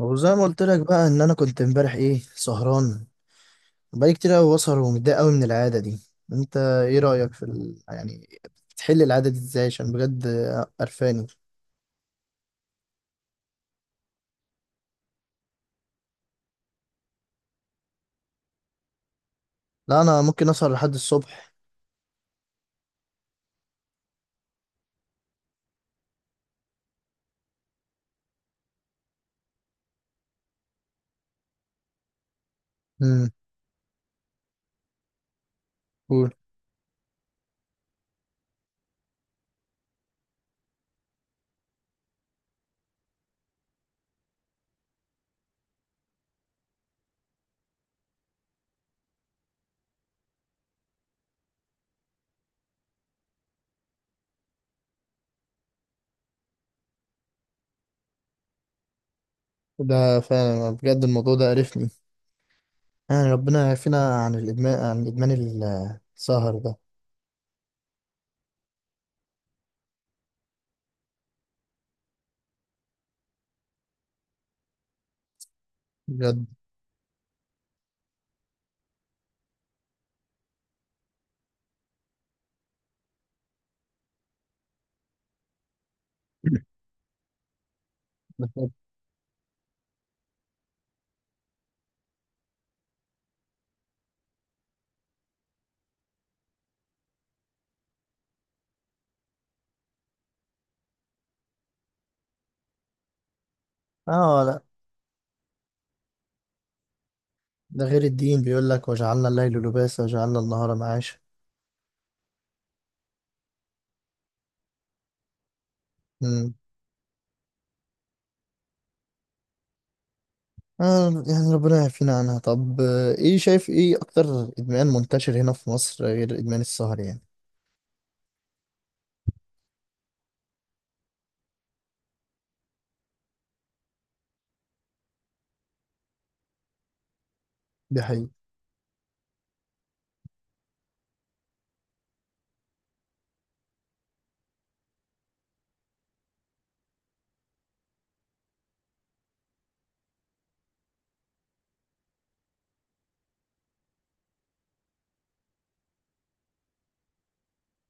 وزي ما قلت لك بقى ان انا كنت امبارح سهران، بقالي كتير قوي بسهر ومتضايق قوي من العاده دي. انت ايه رايك في يعني بتحل العاده دي ازاي؟ عشان بجد قرفاني. لا، انا ممكن اسهر لحد الصبح. امم. قول. ده فعلا بجد، الموضوع ده قرفني، يعني ربنا يعافينا عن الادمان عن ادمان السهر ده. بجد. اه، لا. ده غير الدين بيقول لك وجعلنا الليل لباسا وجعلنا النهار معاشا. آه، يعني ربنا يعافينا عنها. طب، ايه شايف ايه اكتر ادمان منتشر هنا في مصر غير ادمان السهر؟ يعني دي حقيقة.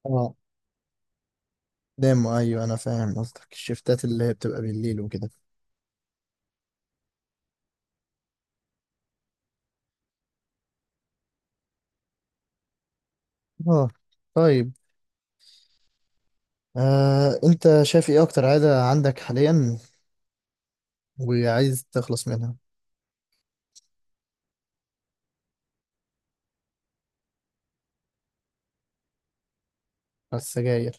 اه. دايم ايوه، انا فاهم قصدك، الشفتات اللي هي بتبقى بالليل وكده. اه. طيب. انت شايف ايه اكتر عادة عندك حاليا وعايز تخلص منها؟ السجاير.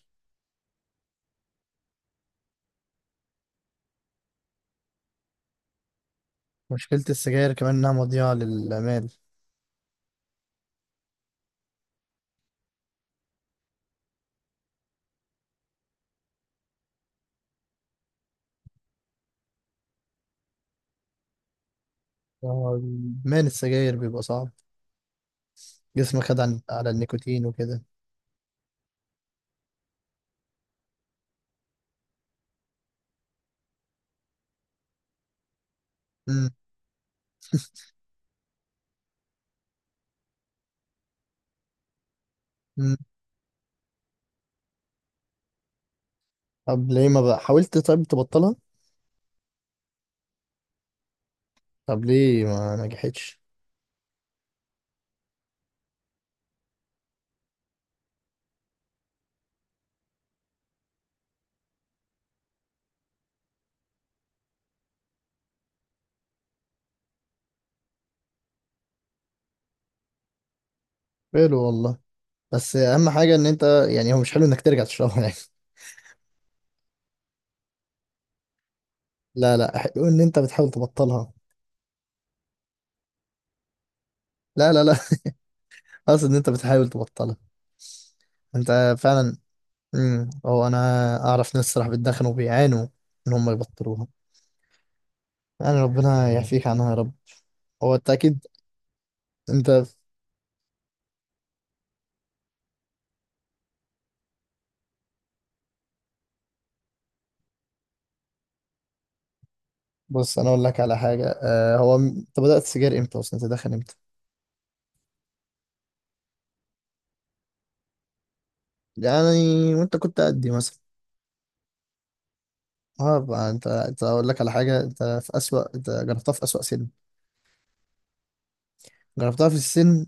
مشكلة السجاير كمان انها مضيعة للآمال. آه، ادمان السجاير بيبقى صعب، جسمك خد على النيكوتين وكده. امم. أمم. طب ليه ما بقى حاولت طيب تبطلها؟ طب ليه ما نجحتش؟ حلو والله، بس اهم حاجه ان انت، يعني هو مش حلو انك ترجع تشربها يعني. لا، لا، حلو ان انت بتحاول تبطلها. لا، لا، لا. اقصد ان انت بتحاول تبطلها انت فعلا. هو انا اعرف ناس صراحه بيتدخنوا وبيعانوا ان هم يبطلوها. يعني ربنا يعفيك عنها يا رب. هو انت اكيد. انت، بص انا اقول لك على حاجه، هو انت بدات سجاير امتى اصلا؟ تدخن امتى؟ يعني وانت كنت قدي مثلا؟ اه، بقى انت اقول لك على حاجه، انت جربتها في اسوأ سن، جربتها في السن،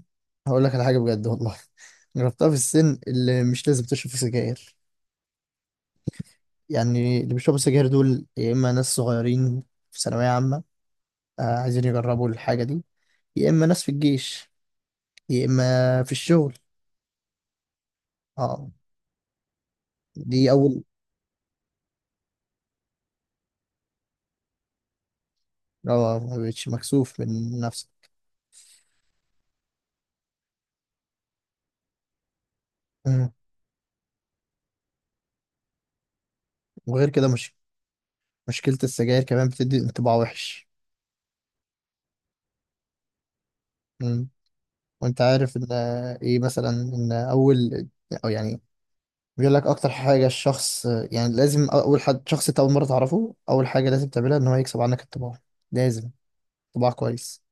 هقول لك على حاجة بجد والله. جربتها في السن اللي مش لازم تشرب فيه سجاير. يعني اللي بيشربوا سجاير دول يا إما ناس صغيرين في ثانوية عامة عايزين يجربوا الحاجة دي، يا إما ناس في الجيش، يا إما في الشغل. اه، دي أول. اه، ما بقتش مكسوف من نفسك. مم. وغير كده، مش مشكلة السجاير كمان بتدي انطباع وحش. مم. وانت عارف ان ايه مثلا، ان اول، او يعني بيقول لك اكتر حاجه الشخص، يعني لازم اول حد، شخص انت اول مره تعرفه، اول حاجه لازم تعملها ان هو يكسب عنك الطباع. لازم طباع كويس.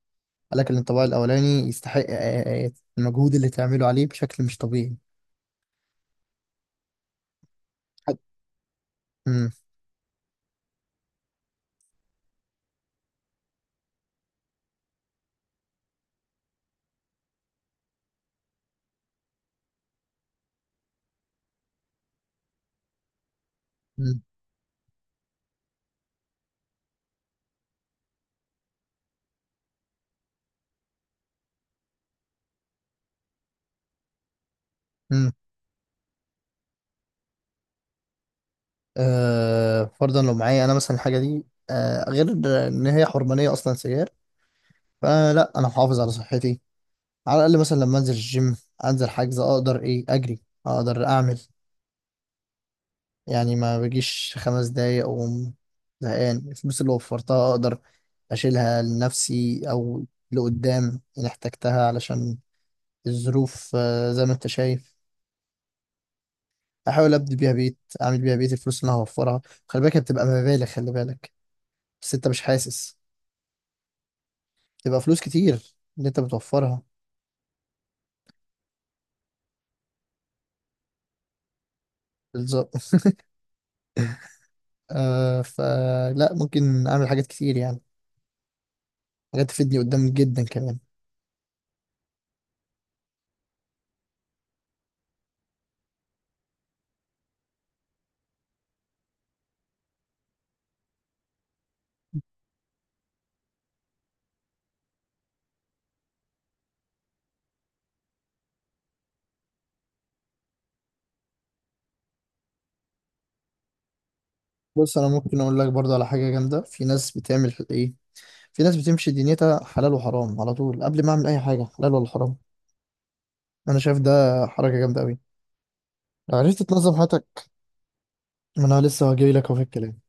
قال لك ان الطباع الاولاني يستحق المجهود اللي تعمله عليه بشكل مش طبيعي. حد- مم، مم، مم. فرضا لو معايا انا مثلا الحاجه دي، غير ان هي حرمانيه اصلا سيار، فانا لا، انا محافظ على صحتي، على الاقل مثلا لما انزل الجيم انزل حاجز اقدر اجري، اقدر اعمل، يعني ما بجيش خمس دقايق أقوم زهقان. الفلوس اللي وفرتها أقدر أشيلها لنفسي أو لقدام إن احتجتها، علشان الظروف زي ما أنت شايف، أحاول أبني بيها بيت، أعمل بيها بيت، الفلوس اللي أنا هوفرها. خلي بالك، هي بتبقى مبالغ، خلي بالك، بس أنت مش حاسس. تبقى فلوس كتير اللي أنت بتوفرها. بالظبط. فلا ممكن أعمل حاجات كتير يعني، حاجات تفيدني قدام جدا كمان. بص، أنا ممكن أقول لك برضه على حاجة جامدة، في ناس بتعمل إيه، في ناس بتمشي دنيتها حلال وحرام على طول، قبل ما اعمل اي حاجه حلال ولا حرام. انا شايف ده حركه جامده قوي، لو عرفت تنظم حياتك. ما انا لسه جاي لك اهو في الكلام.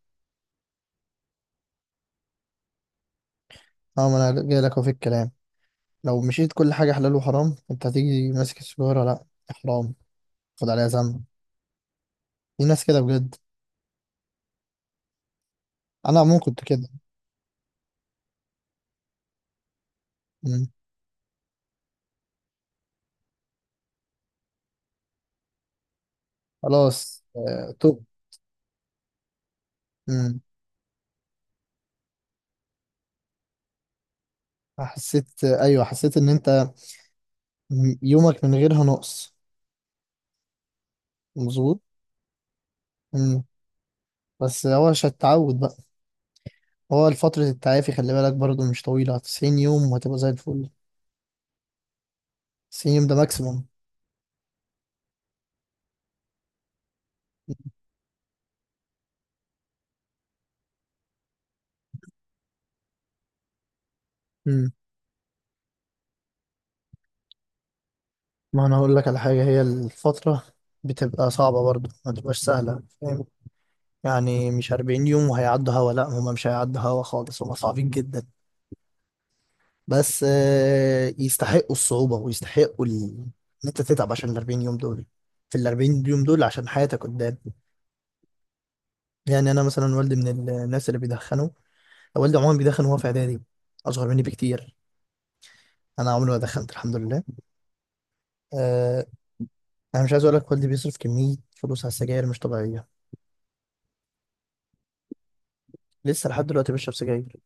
اه ما انا جاي لك اهو في الكلام. لو مشيت كل حاجه حلال وحرام، انت هتيجي ماسك السجاره، لا، حرام، خد عليها ذنب. في ناس كده بجد. انا عموما كنت كده. مم. خلاص، توب. مم. ايوه، حسيت ان انت يومك من غيرها نقص. مظبوط. مم. بس هو مش هتتعود بقى، هو فترة التعافي، خلي بالك برضو مش طويلة، 90 يوم وهتبقى زي الفل. 90 يوم ده ماكسيموم. مم. ما انا هقول لك على حاجة، هي الفترة بتبقى صعبة برضو، ما تبقاش سهلة فاهم. يعني مش 40 يوم وهيعدوا هوا، لا، هما مش هيعدوا هوا خالص، هما صعبين جدا. بس يستحقوا الصعوبة ويستحقوا ان انت تتعب عشان ال 40 يوم دول، في ال 40 يوم دول عشان حياتك قدام. يعني انا مثلا والدي من الناس اللي بيدخنوا، والدي عموما بيدخن وهو في اعدادي، اصغر مني بكتير. انا عمري ما دخلت الحمد لله. أه. انا مش عايز اقول لك، والدي بيصرف كميه فلوس على السجاير مش طبيعيه. لسه لحد دلوقتي بشرب سجاير.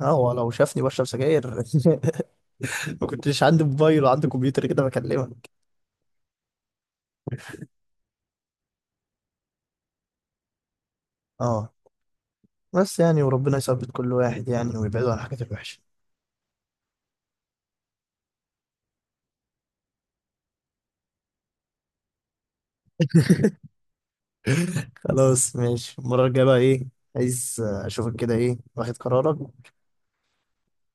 اه، هو لو شافني بشرب سجاير. ما كنتش عندي موبايل وعندي كمبيوتر كده بكلمك. اه، بس يعني وربنا يثبت كل واحد يعني ويبعده عن الحاجات الوحشه. خلاص ماشي، المره الجايه بقى ايه؟ عايز اشوفك كده ايه، واخد قرارك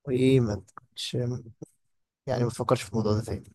وايه؟ ما تكونش يعني، ما تفكرش في الموضوع ده تاني.